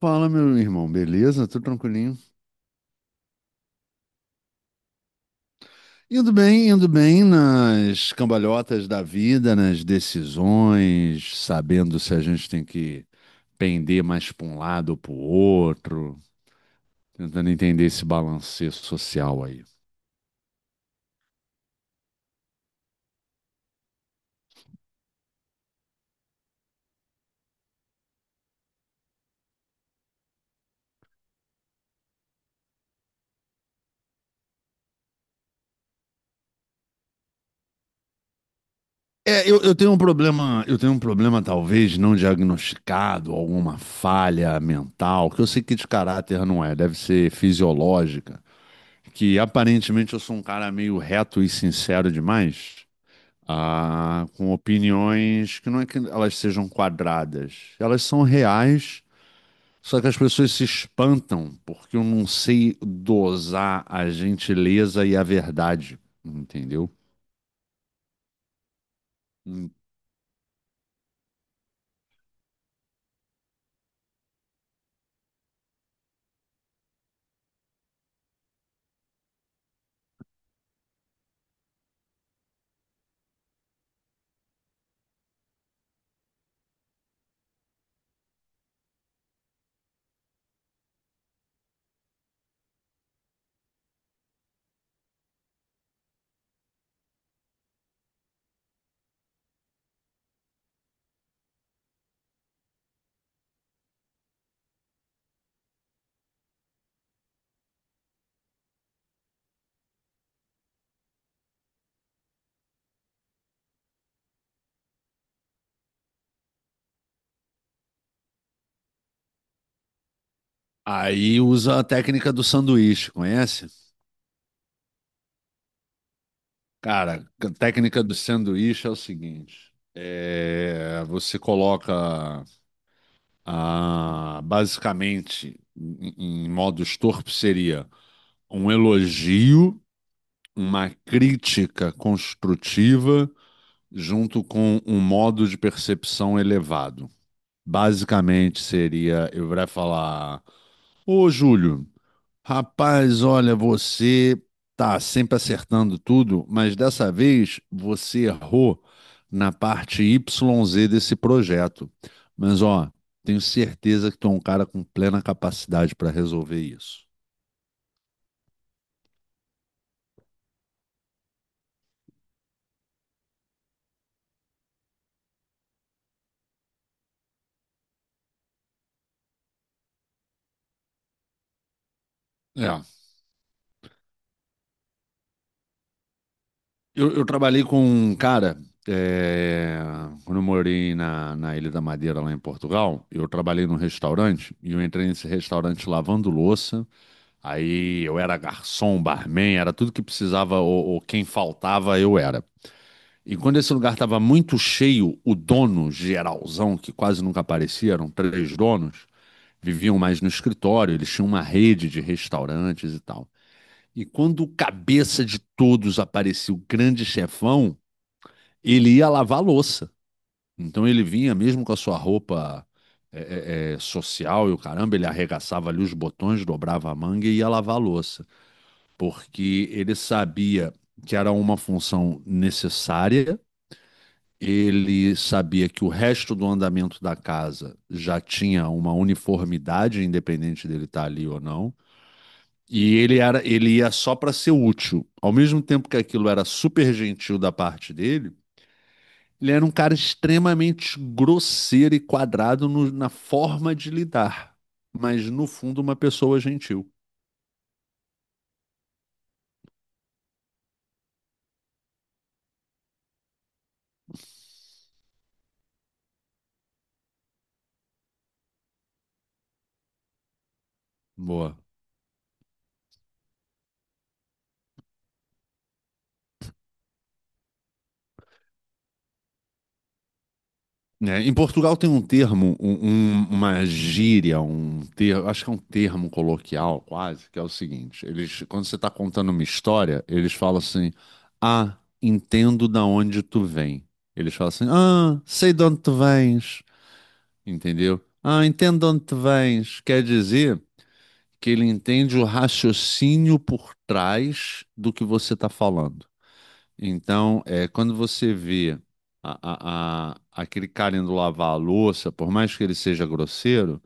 Fala, meu irmão, beleza? Tudo tranquilinho? Indo bem nas cambalhotas da vida, nas decisões, sabendo se a gente tem que pender mais para um lado ou para o outro, tentando entender esse balanço social aí. É, eu tenho um problema, eu tenho um problema talvez não diagnosticado, alguma falha mental, que eu sei que de caráter não é, deve ser fisiológica, que aparentemente eu sou um cara meio reto e sincero demais. Ah, com opiniões que não é que elas sejam quadradas, elas são reais, só que as pessoas se espantam porque eu não sei dosar a gentileza e a verdade, entendeu? Hum. Aí usa a técnica do sanduíche, conhece? Cara, a técnica do sanduíche é o seguinte: você coloca basicamente em modos torpes seria um elogio uma crítica construtiva junto com um modo de percepção elevado. Basicamente seria, eu iria falar, ô Júlio, rapaz, olha, você tá sempre acertando tudo, mas dessa vez você errou na parte YZ desse projeto. Mas ó, tenho certeza que tu é um cara com plena capacidade para resolver isso. É. Eu trabalhei com um cara, é, quando eu morei na Ilha da Madeira, lá em Portugal, eu trabalhei num restaurante e eu entrei nesse restaurante lavando louça. Aí eu era garçom, barman, era tudo que precisava ou quem faltava, eu era. E quando esse lugar estava muito cheio, o dono geralzão, que quase nunca aparecia, eram três donos, viviam mais no escritório, eles tinham uma rede de restaurantes e tal. E quando o cabeça de todos aparecia, o grande chefão, ele ia lavar a louça. Então ele vinha mesmo com a sua roupa social e o caramba, ele arregaçava ali os botões, dobrava a manga e ia lavar a louça. Porque ele sabia que era uma função necessária, ele sabia que o resto do andamento da casa já tinha uma uniformidade, independente dele estar ali ou não. Ele ia só para ser útil. Ao mesmo tempo que aquilo era super gentil da parte dele, ele era um cara extremamente grosseiro e quadrado na forma de lidar, mas no fundo uma pessoa gentil. Boa. É, em Portugal tem um termo, uma gíria, um termo, acho que é um termo coloquial quase, que é o seguinte: eles, quando você está contando uma história, eles falam assim, ah, entendo da onde tu vem. Eles falam assim, ah, sei de onde tu vens, entendeu? Ah, entendo de onde tu vens. Quer dizer que ele entende o raciocínio por trás do que você está falando. Então, quando você vê a- aquele cara indo lavar a louça, por mais que ele seja grosseiro,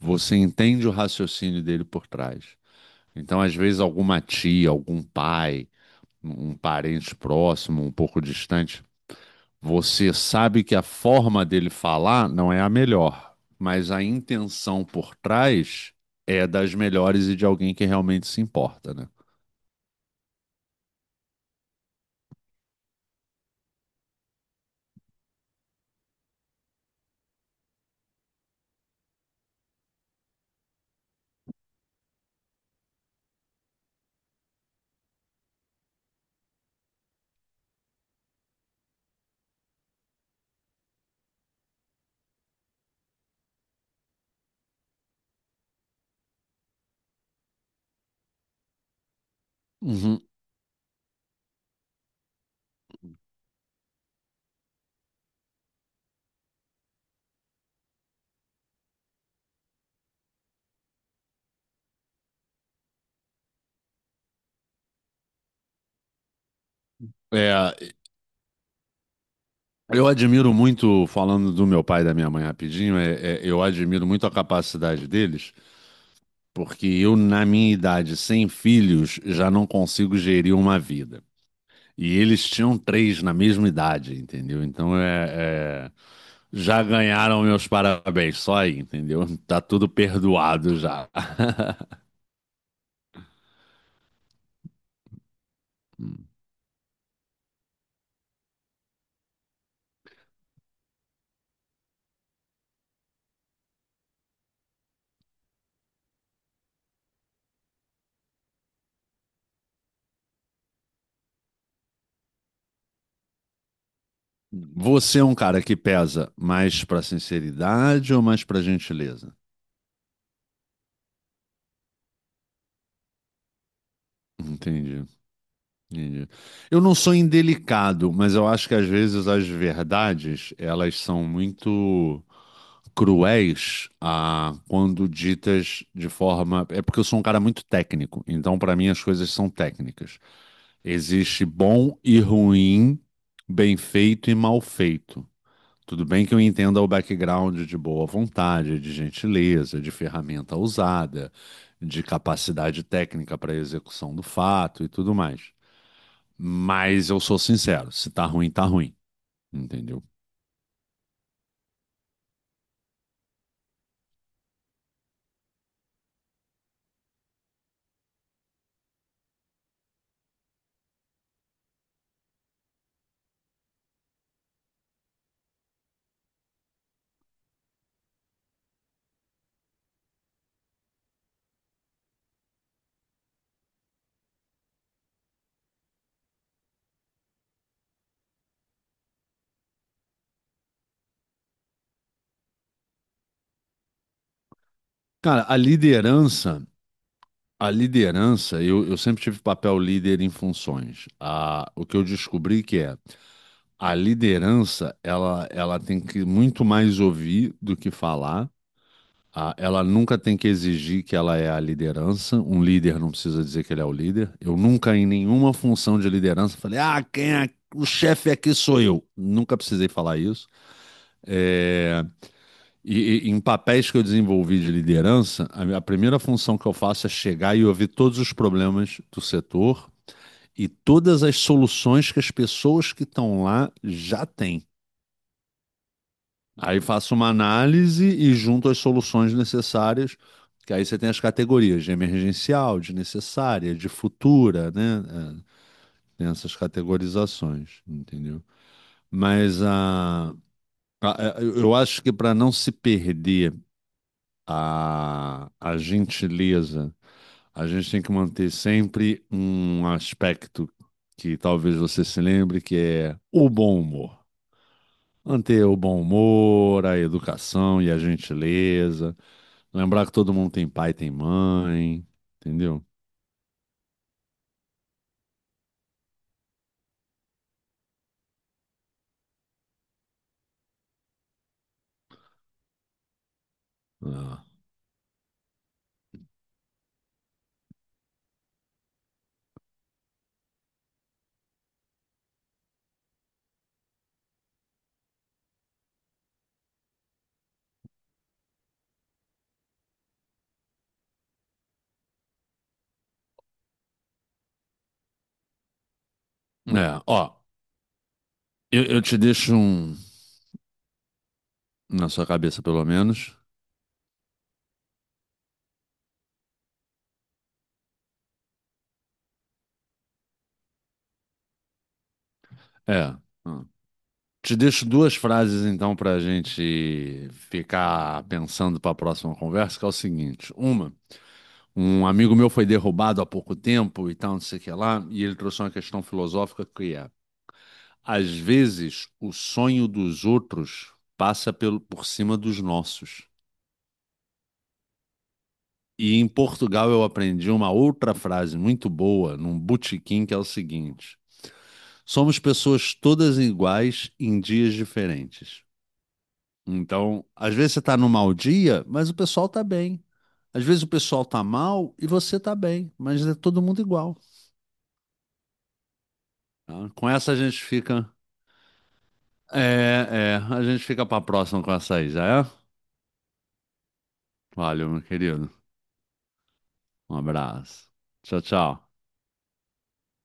você entende o raciocínio dele por trás. Então, às vezes, alguma tia, algum pai, um parente próximo, um pouco distante, você sabe que a forma dele falar não é a melhor, mas a intenção por trás é das melhores e de alguém que realmente se importa, né? Uhum. É, Eu admiro muito, falando do meu pai e da minha mãe rapidinho, eu admiro muito a capacidade deles, porque eu, na minha idade, sem filhos, já não consigo gerir uma vida. E eles tinham três na mesma idade, entendeu? Então já ganharam meus parabéns, só aí, entendeu? Tá tudo perdoado já. Você é um cara que pesa mais pra sinceridade ou mais pra gentileza? Entendi. Entendi. Eu não sou indelicado, mas eu acho que às vezes as verdades elas são muito cruéis quando ditas de forma. É porque eu sou um cara muito técnico, então para mim as coisas são técnicas. Existe bom e ruim, bem feito e mal feito. Tudo bem que eu entenda o background de boa vontade, de gentileza, de ferramenta usada, de capacidade técnica para execução do fato e tudo mais. Mas eu sou sincero, se tá ruim, tá ruim, entendeu? Cara, a liderança, eu sempre tive papel líder em funções. O que eu descobri que é, a liderança, ela tem que muito mais ouvir do que falar. Ela nunca tem que exigir que ela é a liderança. Um líder não precisa dizer que ele é o líder. Eu nunca, em nenhuma função de liderança, falei, ah, quem é o chefe aqui sou eu. Nunca precisei falar isso. É, e em papéis que eu desenvolvi de liderança, a primeira função que eu faço é chegar e ouvir todos os problemas do setor e todas as soluções que as pessoas que estão lá já têm. Aí faço uma análise e junto as soluções necessárias, que aí você tem as categorias de emergencial, de necessária, de futura, né? Tem essas categorizações, entendeu? Mas eu acho que para não se perder a gentileza. A gente tem que manter sempre um aspecto que talvez você se lembre, que é o bom humor. Manter o bom humor, a educação e a gentileza. Lembrar que todo mundo tem pai, tem mãe, entendeu? Ah. Ó, eu te deixo um, na sua cabeça pelo menos. É. Ah. Te deixo duas frases então para a gente ficar pensando para a próxima conversa, que é o seguinte: uma, um amigo meu foi derrubado há pouco tempo e tal, não sei o que lá, e ele trouxe uma questão filosófica que é: às vezes o sonho dos outros passa pelo, por cima dos nossos. E em Portugal eu aprendi uma outra frase muito boa num botequim que é o seguinte: somos pessoas todas iguais em dias diferentes. Então, às vezes você está num mau dia, mas o pessoal está bem. Às vezes o pessoal está mal e você está bem, mas é todo mundo igual. Tá? Com essa a gente fica. A gente fica pra próxima com essa aí, já é? Valeu, meu querido. Um abraço. Tchau, tchau.